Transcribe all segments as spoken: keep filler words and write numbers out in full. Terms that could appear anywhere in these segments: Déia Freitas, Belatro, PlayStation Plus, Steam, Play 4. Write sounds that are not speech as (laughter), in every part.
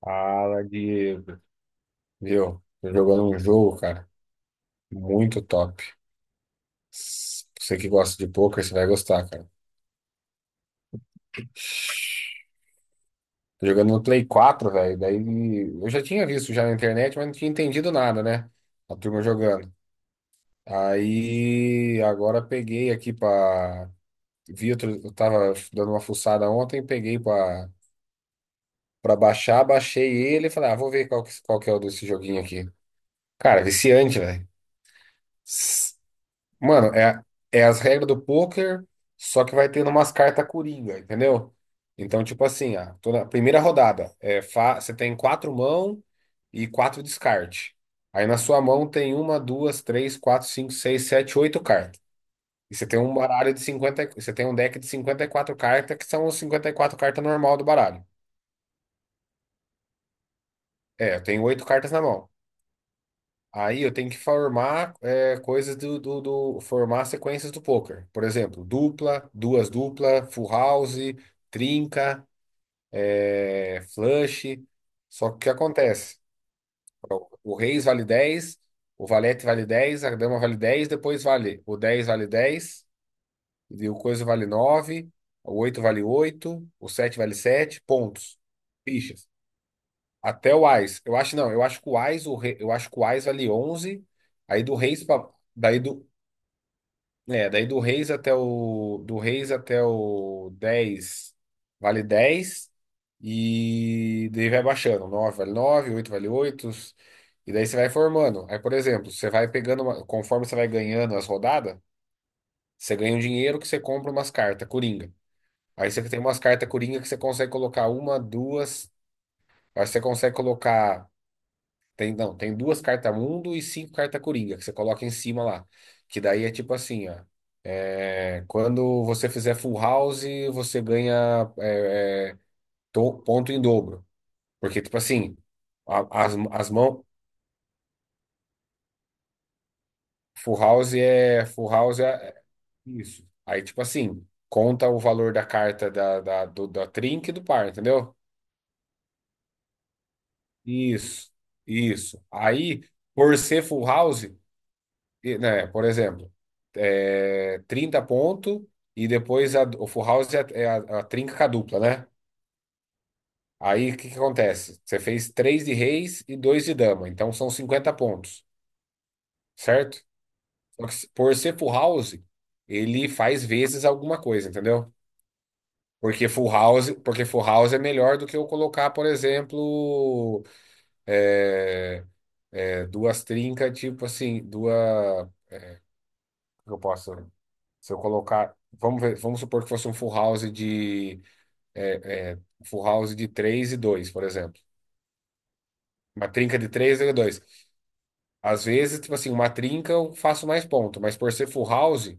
Fala, Diego. Viu? Tô jogando um jogo, cara, muito top. Você que gosta de poker, você vai gostar, cara. Tô jogando no Play quatro, velho. Daí eu já tinha visto já na internet, mas não tinha entendido nada, né? A turma jogando. Aí agora peguei aqui pra. Vi, outro- eu tava dando uma fuçada ontem, peguei pra, pra, baixar, baixei ele e falei, ah, vou ver qual que, qual que é o desse joguinho aqui. Cara, viciante, velho. Mano, é, é as regras do poker, só que vai tendo umas cartas coringa, entendeu? Então, tipo assim, a, toda, a primeira rodada, é, fa- você tem quatro mãos e quatro descarte. Aí na sua mão tem uma, duas, três, quatro, cinco, seis, sete, oito cartas. E você tem um baralho de cinquenta, e- você tem um deck de cinquenta e quatro cartas, que são os cinquenta e quatro cartas normal do baralho. É, eu tenho oito cartas na mão. Aí eu tenho que formar é, coisas do, do, do- formar sequências do poker. Por exemplo, dupla, duas dupla, full house, trinca, é, flush. Só que o que acontece? O reis vale dez, o valete vale dez, a dama vale dez, depois vale o dez vale dez, e o coisa vale nove, o oito vale oito, o sete vale sete pontos. Fichas. Até o ás. Eu acho não, eu acho que o ás, o rei, eu acho que o ás vale onze. Aí do reis para Daí do, É, daí do Reis até o Do Reis até o dez vale dez, e daí vai baixando, nove vale nove, oito vale oito, e daí você vai formando. Aí, por exemplo, você vai pegando uma- conforme você vai ganhando as rodadas, você ganha um dinheiro que você compra umas cartas coringa. Aí você tem umas cartas coringa que você consegue colocar uma, duas, aí você consegue colocar tem não, tem duas cartas mundo e cinco cartas coringa que você coloca em cima lá, que daí é tipo assim, ó. É, quando você fizer full house, você ganha é, é, to- ponto em dobro. Porque, tipo assim, a- as, as mãos. Full house é. Full house é é isso. Aí, tipo assim, conta o valor da carta da, da, do, da trinca e do par, entendeu? Isso. Isso. Aí, por ser full house, e, né, por exemplo, é, trinta pontos. E depois a- o full house é, a, é a, a trinca com a dupla, né? Aí o que que acontece? Você fez três de reis e dois de dama, então são cinquenta pontos, certo? Só que se- por ser full house, ele faz vezes alguma coisa, entendeu? Porque full house, porque full house é melhor do que eu colocar, por exemplo, é, é, duas trincas, tipo assim, duas. Como que eu posso. Se eu colocar. Vamos ver- vamos supor que fosse um full house de. é, é, full house de três e dois, por exemplo. Uma trinca de três e dois. Às vezes, tipo assim, uma trinca eu faço mais ponto, mas por ser full house,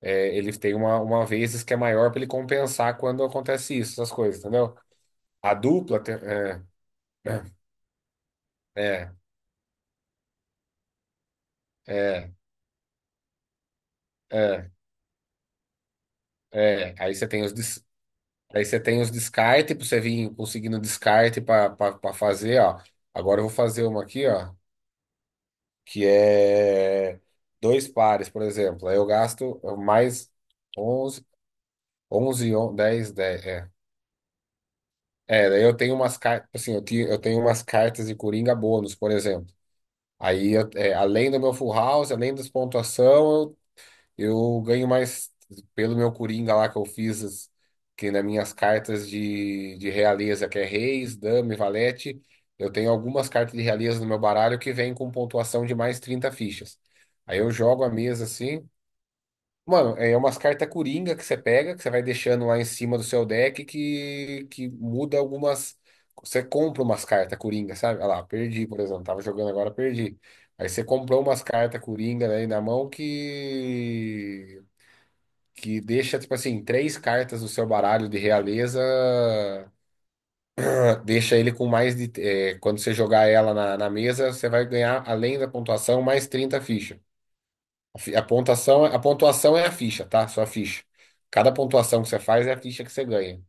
é, ele tem uma, uma vezes que é maior para ele compensar quando acontece isso, essas coisas, entendeu? A dupla tem. é, né? é, é, é, é. Aí você tem os des- aí você tem os descarte para você vir conseguindo descarte para fazer, ó. Agora eu vou fazer uma aqui, ó, que é dois pares, por exemplo. Aí eu gasto mais onze, onze, dez, dez, é. É, daí eu tenho umas cartas, assim, eu, ti- eu tenho umas cartas de Coringa bônus, por exemplo. Aí, eu- é, além do meu full house, além das pontuação, eu, eu ganho mais pelo meu Coringa lá que eu fiz, as- que nas minhas cartas de, de realeza, que é Reis, Dama e Valete. Eu tenho algumas cartas de realeza no meu baralho que vêm com pontuação de mais trinta fichas. Aí eu jogo a mesa assim. Mano, é é umas cartas coringa que você pega, que você vai deixando lá em cima do seu deck, que, que muda algumas. Você compra umas cartas coringa, sabe? Olha lá, perdi, por exemplo. Tava jogando agora, perdi. Aí você comprou umas cartas coringa aí na mão que. Que deixa, tipo assim, três cartas do seu baralho de realeza. Deixa ele com mais de. É, quando você jogar ela na, na mesa, você vai ganhar, além da pontuação, mais trinta fichas. A fi- a pontuação, a pontuação é a ficha, tá? Sua ficha. Cada pontuação que você faz é a ficha que você ganha.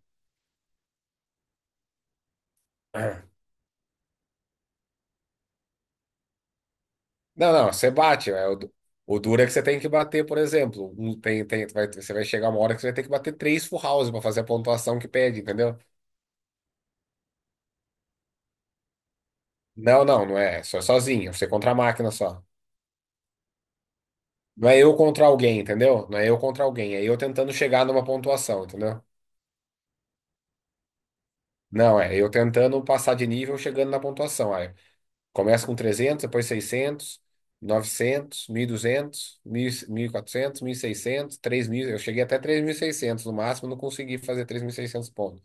Não, não, você bate. É o, du- o duro é que você tem que bater, por exemplo. Um- tem, tem, vai- você vai chegar uma hora que você vai ter que bater três full house para fazer a pontuação que pede, entendeu? Não, não, não é. Só sozinho, você contra a máquina só. Não é eu contra alguém, entendeu? Não é eu contra alguém, é eu tentando chegar numa pontuação, entendeu? Não, é eu tentando passar de nível chegando na pontuação. Começa com trezentos, depois seiscentos, novecentos, mil e duzentos, mil, seiscentos, três mil. Eu cheguei até três mil e seiscentos no máximo, não consegui fazer três mil e seiscentos pontos.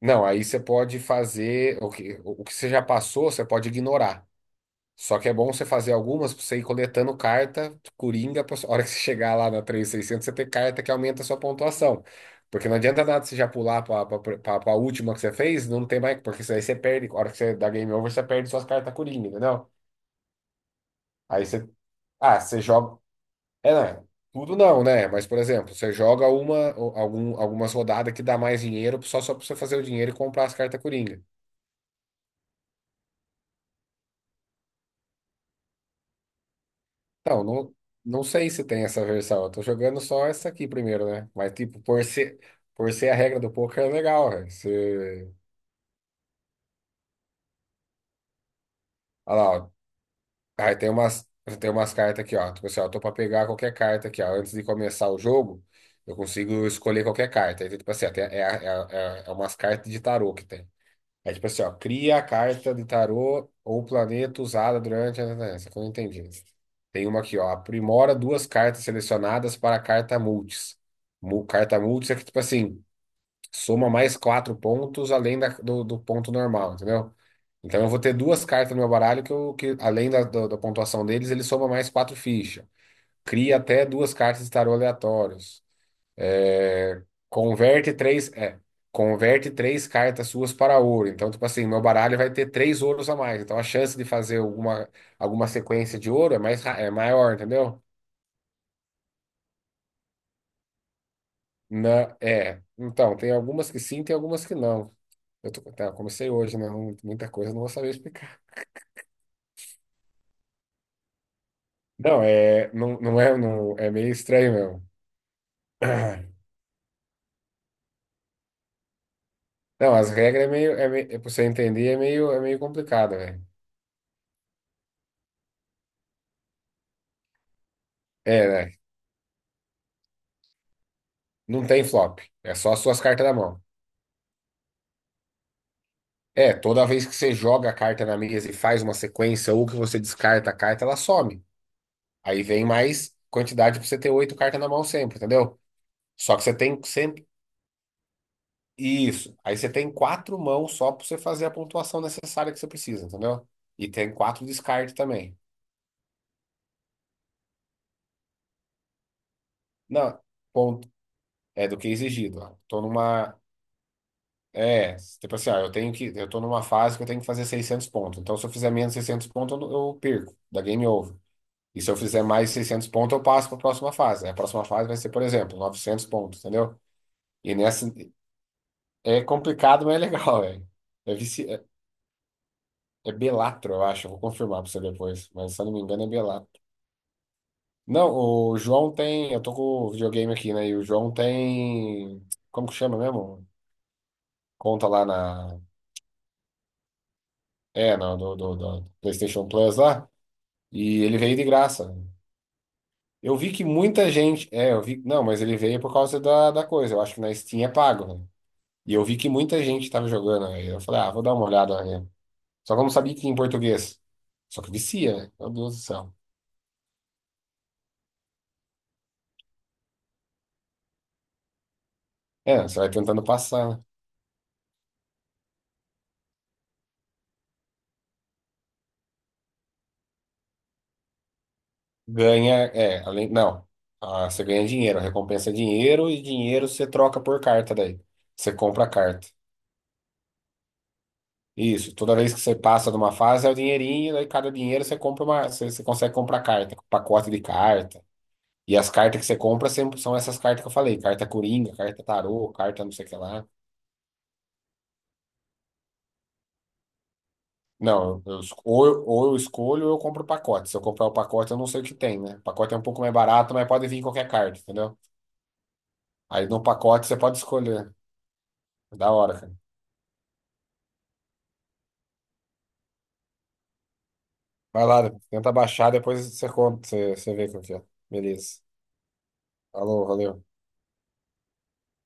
Não, aí você pode fazer o que, o que você já passou, você pode ignorar. Só que é bom você fazer algumas para você ir coletando carta coringa para a hora que você chegar lá na três mil e seiscentos você ter carta que aumenta a sua pontuação. Porque não adianta nada você já pular para a última que você fez, não tem mais, porque isso aí você perde. A hora que você dá game over, você perde suas cartas coringa, entendeu? Aí você. Ah, você joga. É, não, é, tudo não, né? Mas, por exemplo, você joga uma, ou algum, algumas rodadas que dá mais dinheiro só, só pra você fazer o dinheiro e comprar as cartas Coringa. Então, não, não sei se tem essa versão. Eu tô jogando só essa aqui primeiro, né? Mas, tipo, por ser, por ser a regra do poker é legal, velho. Você. Olha lá, ó. Aí tem umas, tem umas cartas aqui, ó. Tipo assim, ó, tô pra pegar qualquer carta aqui, ó. Antes de começar o jogo, eu consigo escolher qualquer carta. Aí, tipo assim, ó, tem- é, é, é, é umas cartas de tarô que tem. É tipo assim, ó, cria a carta de tarô ou planeta usada durante a. Essa que eu não entendi. Tem uma aqui, ó, aprimora duas cartas selecionadas para a carta multis. Mu- Carta multis é que, tipo assim, soma mais quatro pontos além da- do, do ponto normal, entendeu? Então eu vou ter duas cartas no meu baralho que, eu, que além da, do- da pontuação deles, ele soma mais quatro fichas. Cria até duas cartas de tarô aleatórios. É, converte três, é, converte três cartas suas para ouro. Então, tipo assim, meu baralho vai ter três ouros a mais. Então, a chance de fazer alguma, alguma sequência de ouro é mais, ra- é maior, entendeu? Na, é. Então, tem algumas que sim, tem algumas que não. Eu tô, tá, eu comecei hoje, né? Não. Muita coisa eu não vou saber explicar. Não, é, não, não é, não, é meio estranho mesmo. (clears throat) Não, as regras é meio, é meio, pra você entender, é meio, é meio complicado, velho. É, né? Não tem flop. É só as suas cartas na mão. É, toda vez que você joga a carta na mesa e faz uma sequência, ou que você descarta a carta, ela some. Aí vem mais quantidade pra você ter oito cartas na mão sempre, entendeu? Só que você tem sempre. Isso. Aí você tem quatro mãos só pra você fazer a pontuação necessária que você precisa, entendeu? E tem quatro descartes também. Não, ponto. É do que é exigido. Ó, tô numa. É, tipo assim, ó, eu tenho que. Eu tô numa fase que eu tenho que fazer seiscentos pontos. Então, se eu fizer menos de seiscentos pontos, eu, não- eu perco. Da game over. E se eu fizer mais seiscentos pontos, eu passo para a próxima fase. Aí a próxima fase vai ser, por exemplo, novecentos pontos, entendeu? E nessa é complicado, mas é legal, velho. É, vici... é é Belatro, eu acho. Eu vou confirmar para você depois. Mas se eu não me engano, é Belatro. Não, o João tem. Eu tô com o videogame aqui, né? E o João tem. Como que chama mesmo? Conta lá na. É, não, do, do, do PlayStation Plus lá. E ele veio de graça. Eu vi que muita gente. É, eu vi. Não, mas ele veio por causa da, da coisa. Eu acho que na Steam é pago, né? E eu vi que muita gente estava jogando. Aí eu falei, ah, vou dar uma olhada, né? Só que eu não sabia que tinha em português. Só que vicia, né? Meu Deus do céu. É, você vai tentando passar, né? Ganha, é, além, não. Ah, você ganha dinheiro, a recompensa é dinheiro e dinheiro você troca por carta daí. Você compra a carta. Isso, toda vez que você passa de uma fase é o dinheirinho, daí cada dinheiro você compra uma, você, você consegue comprar carta, pacote de carta. E as cartas que você compra sempre são essas cartas que eu falei, carta coringa, carta tarô, carta não sei o que lá. Não, eu, es- ou, eu, ou eu escolho ou eu compro o pacote. Se eu comprar o pacote, eu não sei o que tem, né? O pacote é um pouco mais barato, mas pode vir qualquer carta, entendeu? Aí no pacote você pode escolher. É da hora, cara. Vai lá, tenta baixar, depois você conta, você, você vê qual que é. Beleza. Falou, valeu.